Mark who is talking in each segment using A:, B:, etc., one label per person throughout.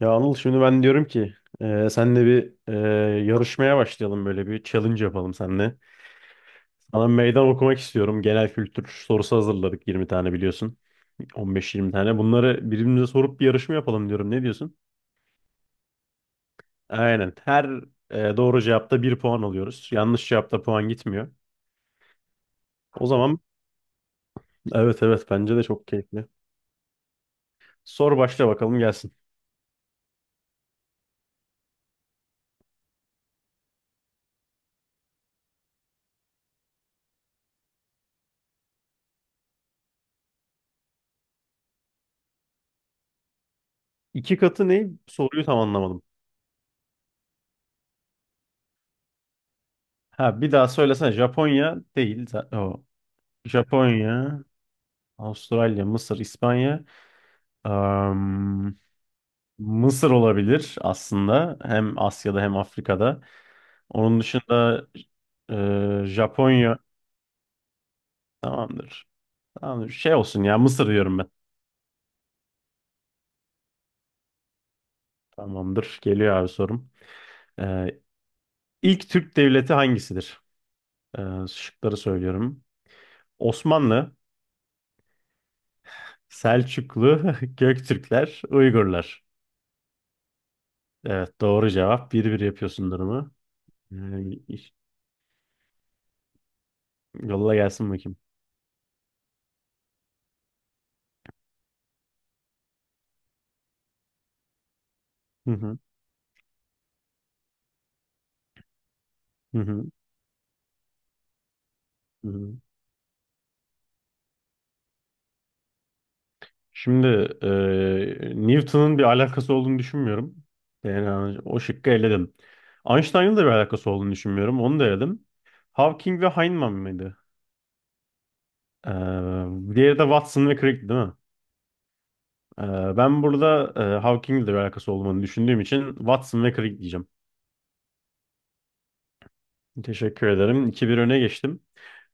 A: Ya Anıl şimdi ben diyorum ki senle bir yarışmaya başlayalım, böyle bir challenge yapalım seninle. Sana meydan okumak istiyorum. Genel kültür sorusu hazırladık, 20 tane biliyorsun. 15-20 tane. Bunları birbirimize sorup bir yarışma yapalım diyorum. Ne diyorsun? Aynen. Her doğru cevapta bir puan alıyoruz. Yanlış cevapta puan gitmiyor. O zaman evet evet, bence de çok keyifli. Sor başla bakalım gelsin. İki katı ne? Soruyu tam anlamadım. Ha bir daha söylesene. Japonya değil. O. Japonya. Avustralya, Mısır, İspanya. Am, Mısır olabilir aslında. Hem Asya'da hem Afrika'da. Onun dışında Japonya. Tamamdır. Tamamdır. Şey olsun ya, Mısır diyorum ben. Tamamdır. Geliyor abi sorum. E, ilk Türk devleti hangisidir? Şıkları söylüyorum. Osmanlı, Selçuklu, Göktürkler, Uygurlar. Evet, doğru cevap. 1-1 yapıyorsun durumu. E, yolla gelsin bakayım. Hı hı. Hı hı. Hı hı. Şimdi Newton'un bir alakası olduğunu düşünmüyorum. Yani o şıkkı eledim. Einstein'ın da bir alakası olduğunu düşünmüyorum. Onu da eledim. Hawking ve Feynman mıydı? Eee diğeri de Watson ve Crick değil mi? Ben burada Hawking'le de bir alakası olduğunu düşündüğüm için Watson ve Crick diyeceğim. Teşekkür ederim. 2 bir öne geçtim.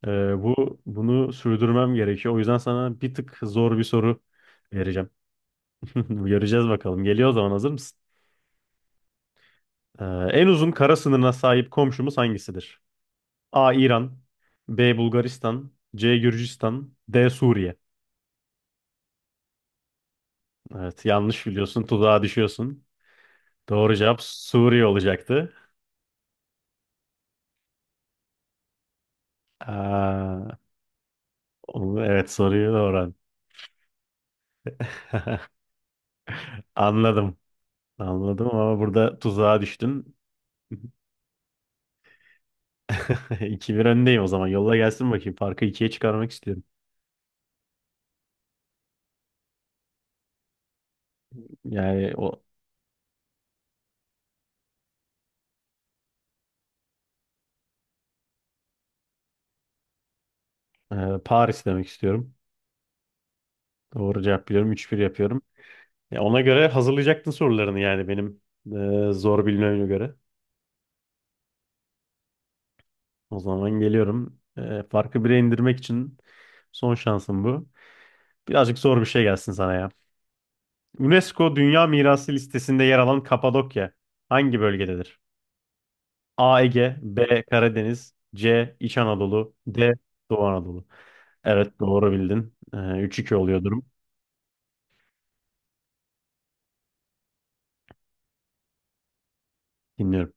A: Eee, bu bunu sürdürmem gerekiyor. O yüzden sana bir tık zor bir soru vereceğim. Göreceğiz bakalım. Geliyor o zaman, hazır mısın? Ee, en uzun kara sınırına sahip komşumuz hangisidir? A. İran, B. Bulgaristan, C. Gürcistan, D. Suriye. Evet yanlış biliyorsun, tuzağa düşüyorsun. Doğru cevap Suriye olacaktı. Aa, evet soruyu doğru. Anladım. Anladım ama burada tuzağa düştün. 2 bir öndeyim o zaman. Yolla gelsin bakayım. Farkı ikiye çıkarmak istiyorum. Yani o Paris demek istiyorum. Doğru cevap biliyorum. 3-1 yapıyorum. Ya ona göre hazırlayacaktın sorularını, yani benim zor bilmeme göre. O zaman geliyorum. Farkı bire indirmek için son şansım bu. Birazcık zor bir şey gelsin sana ya. UNESCO Dünya Mirası listesinde yer alan Kapadokya hangi bölgededir? A. Ege, B. Karadeniz, C. İç Anadolu, D. Doğu Anadolu. Evet, doğru bildin. 3-2 oluyor durum. Dinliyorum.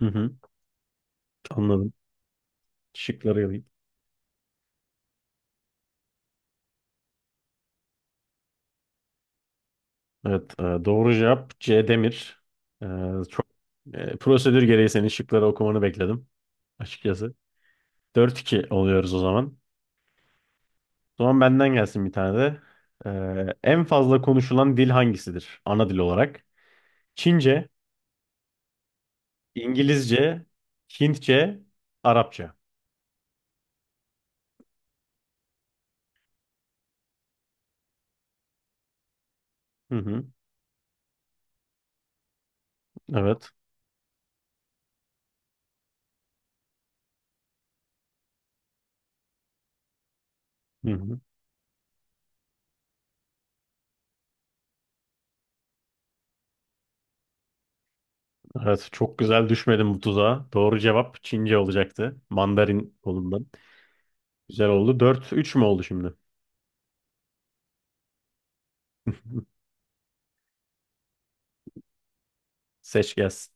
A: Hı hı, anladım. Şıkları Evet, doğru cevap C. Demir. E, çok prosedür gereği senin şıkları okumanı bekledim açıkçası. Dört 2 oluyoruz o zaman. O zaman benden gelsin bir tane de. En fazla konuşulan dil hangisidir, ana dil olarak? Çince, İngilizce, Hintçe, Arapça. Hı hı, evet. Hı hı. Evet, çok güzel, düşmedim bu tuzağa. Doğru cevap Çince olacaktı. Mandarin kolundan. Güzel oldu. 4-3 mü oldu şimdi? Seç gelsin.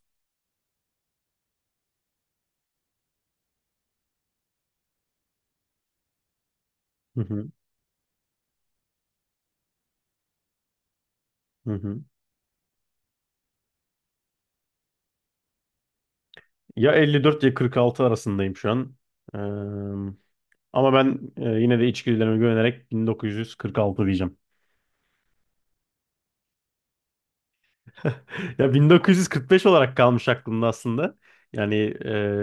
A: Hı hı, hı hı. Ya 54 ya 46 arasındayım şu an. Ee, ama ben yine de içgüdülerime güvenerek 1946 diyeceğim. Ya 1945 olarak kalmış aklımda aslında. Yani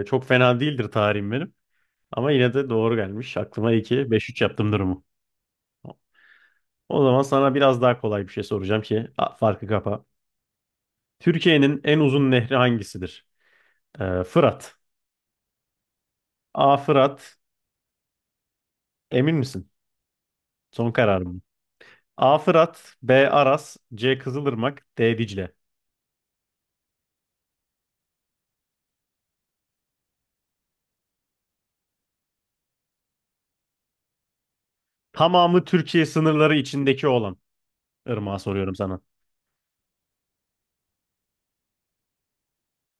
A: çok fena değildir tarihim benim. Ama yine de doğru gelmiş. Aklıma 2, 5-3 yaptım durumu. O zaman sana biraz daha kolay bir şey soracağım ki, a, farkı kapa. Türkiye'nin en uzun nehri hangisidir? Fırat. A. Fırat. Emin misin? Son karar A. Fırat, B. Aras, C. Kızılırmak, D. Dicle. Tamamı Türkiye sınırları içindeki olan ırmağa soruyorum sana.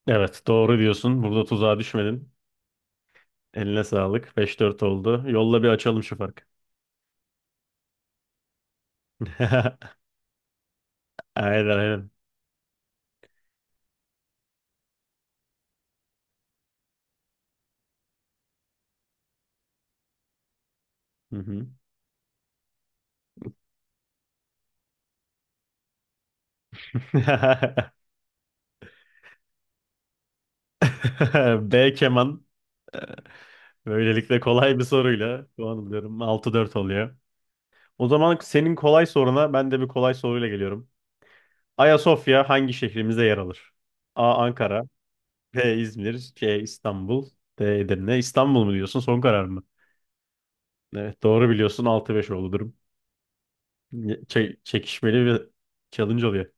A: Evet, doğru diyorsun. Burada tuzağa düşmedin. Eline sağlık. 5-4 oldu. Yolla, bir açalım şu farkı. Aynen aynen. Hı hı. B. Keman. Böylelikle kolay bir soruyla puan alıyorum. 6-4 oluyor. O zaman senin kolay soruna ben de bir kolay soruyla geliyorum. Ayasofya hangi şehrimizde yer alır? A. Ankara, P İzmir, C İstanbul, D Edirne. İstanbul mu diyorsun? Son karar mı? Evet, doğru biliyorsun. 6-5 oldu durum. Çekişmeli ve challenge oluyor.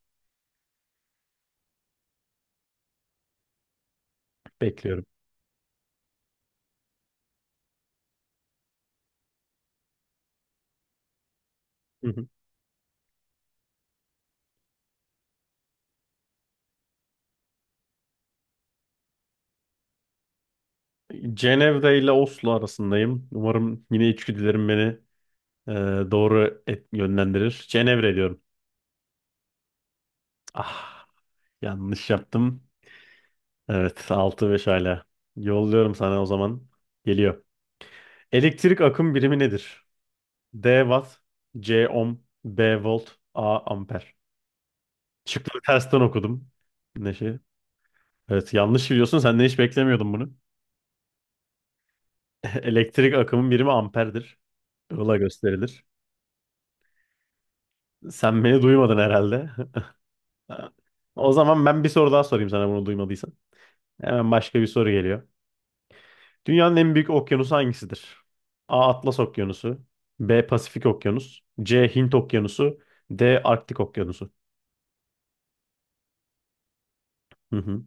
A: Bekliyorum. Hı hı. Cenevre ile Oslo arasındayım. Umarım yine içgüdülerim beni e, doğru yönlendirir. Cenevre diyorum. Ah, yanlış yaptım. Evet, 6-5 hala. Yolluyorum sana o zaman. Geliyor. Elektrik akım birimi nedir? D watt, C ohm, B volt, A amper. Şıkları tersten okudum. Ne Neşe. Evet, yanlış biliyorsun. Senden hiç beklemiyordum bunu. Elektrik akımın birimi amperdir. Ile gösterilir. Sen beni duymadın herhalde. O zaman ben bir soru daha sorayım sana, bunu duymadıysan. Hemen başka bir soru geliyor. Dünyanın en büyük okyanusu hangisidir? A. Atlas Okyanusu. B. Pasifik Okyanus. C. Hint Okyanusu. D. Arktik Okyanusu. Hı hı.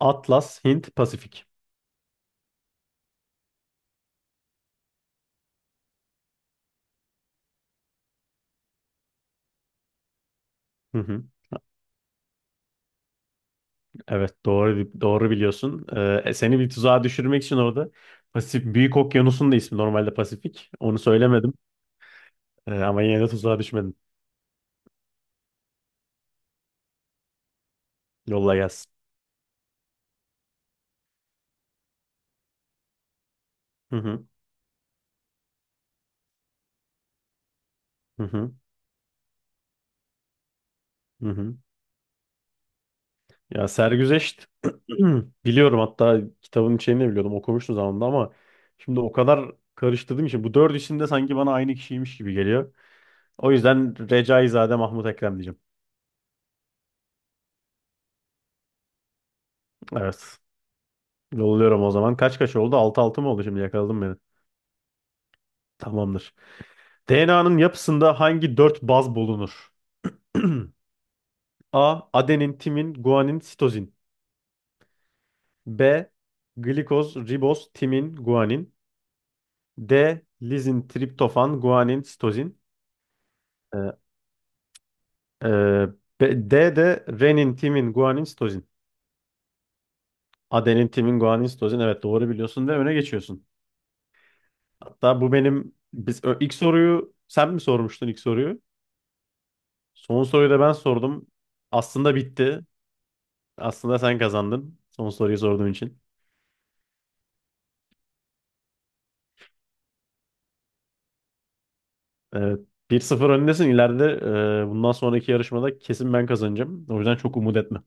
A: Atlas, Hint, Pasifik. Hı hı. Evet, doğru doğru biliyorsun. Seni bir tuzağa düşürmek için orada Pasif Büyük Okyanus'un da ismi normalde Pasifik. Onu söylemedim. Ama yine de tuzağa düşmedim. Yolla gelsin. Hı hı hı hı. Hı hı. Ya sergüzeşt biliyorum, hatta kitabın içeriğini de biliyordum, okumuştum zamanında, ama şimdi o kadar karıştırdım için bu dört isim de sanki bana aynı kişiymiş gibi geliyor. O yüzden Recaizade Mahmut Ekrem diyeceğim. Evet. Yolluyorum o zaman. Kaç kaç oldu? 6-6 mı oldu şimdi, yakaladım beni. Tamamdır. DNA'nın yapısında hangi dört baz bulunur? A. Adenin, timin, guanin, sitozin. B. Glikoz, riboz, timin, guanin. D. Lizin, triptofan, guanin, sitozin. Ee, e, D de renin, timin, guanin, sitozin. Adenin, timin, guanin, sitozin. Evet, doğru biliyorsun ve öne geçiyorsun. Hatta bu ilk soruyu sen mi sormuştun ilk soruyu? Son soruyu da ben sordum. Aslında bitti. Aslında sen kazandın. Son soruyu sorduğun için. Evet. 1-0 öndesin. İleride bundan sonraki yarışmada kesin ben kazanacağım. O yüzden çok umut etme.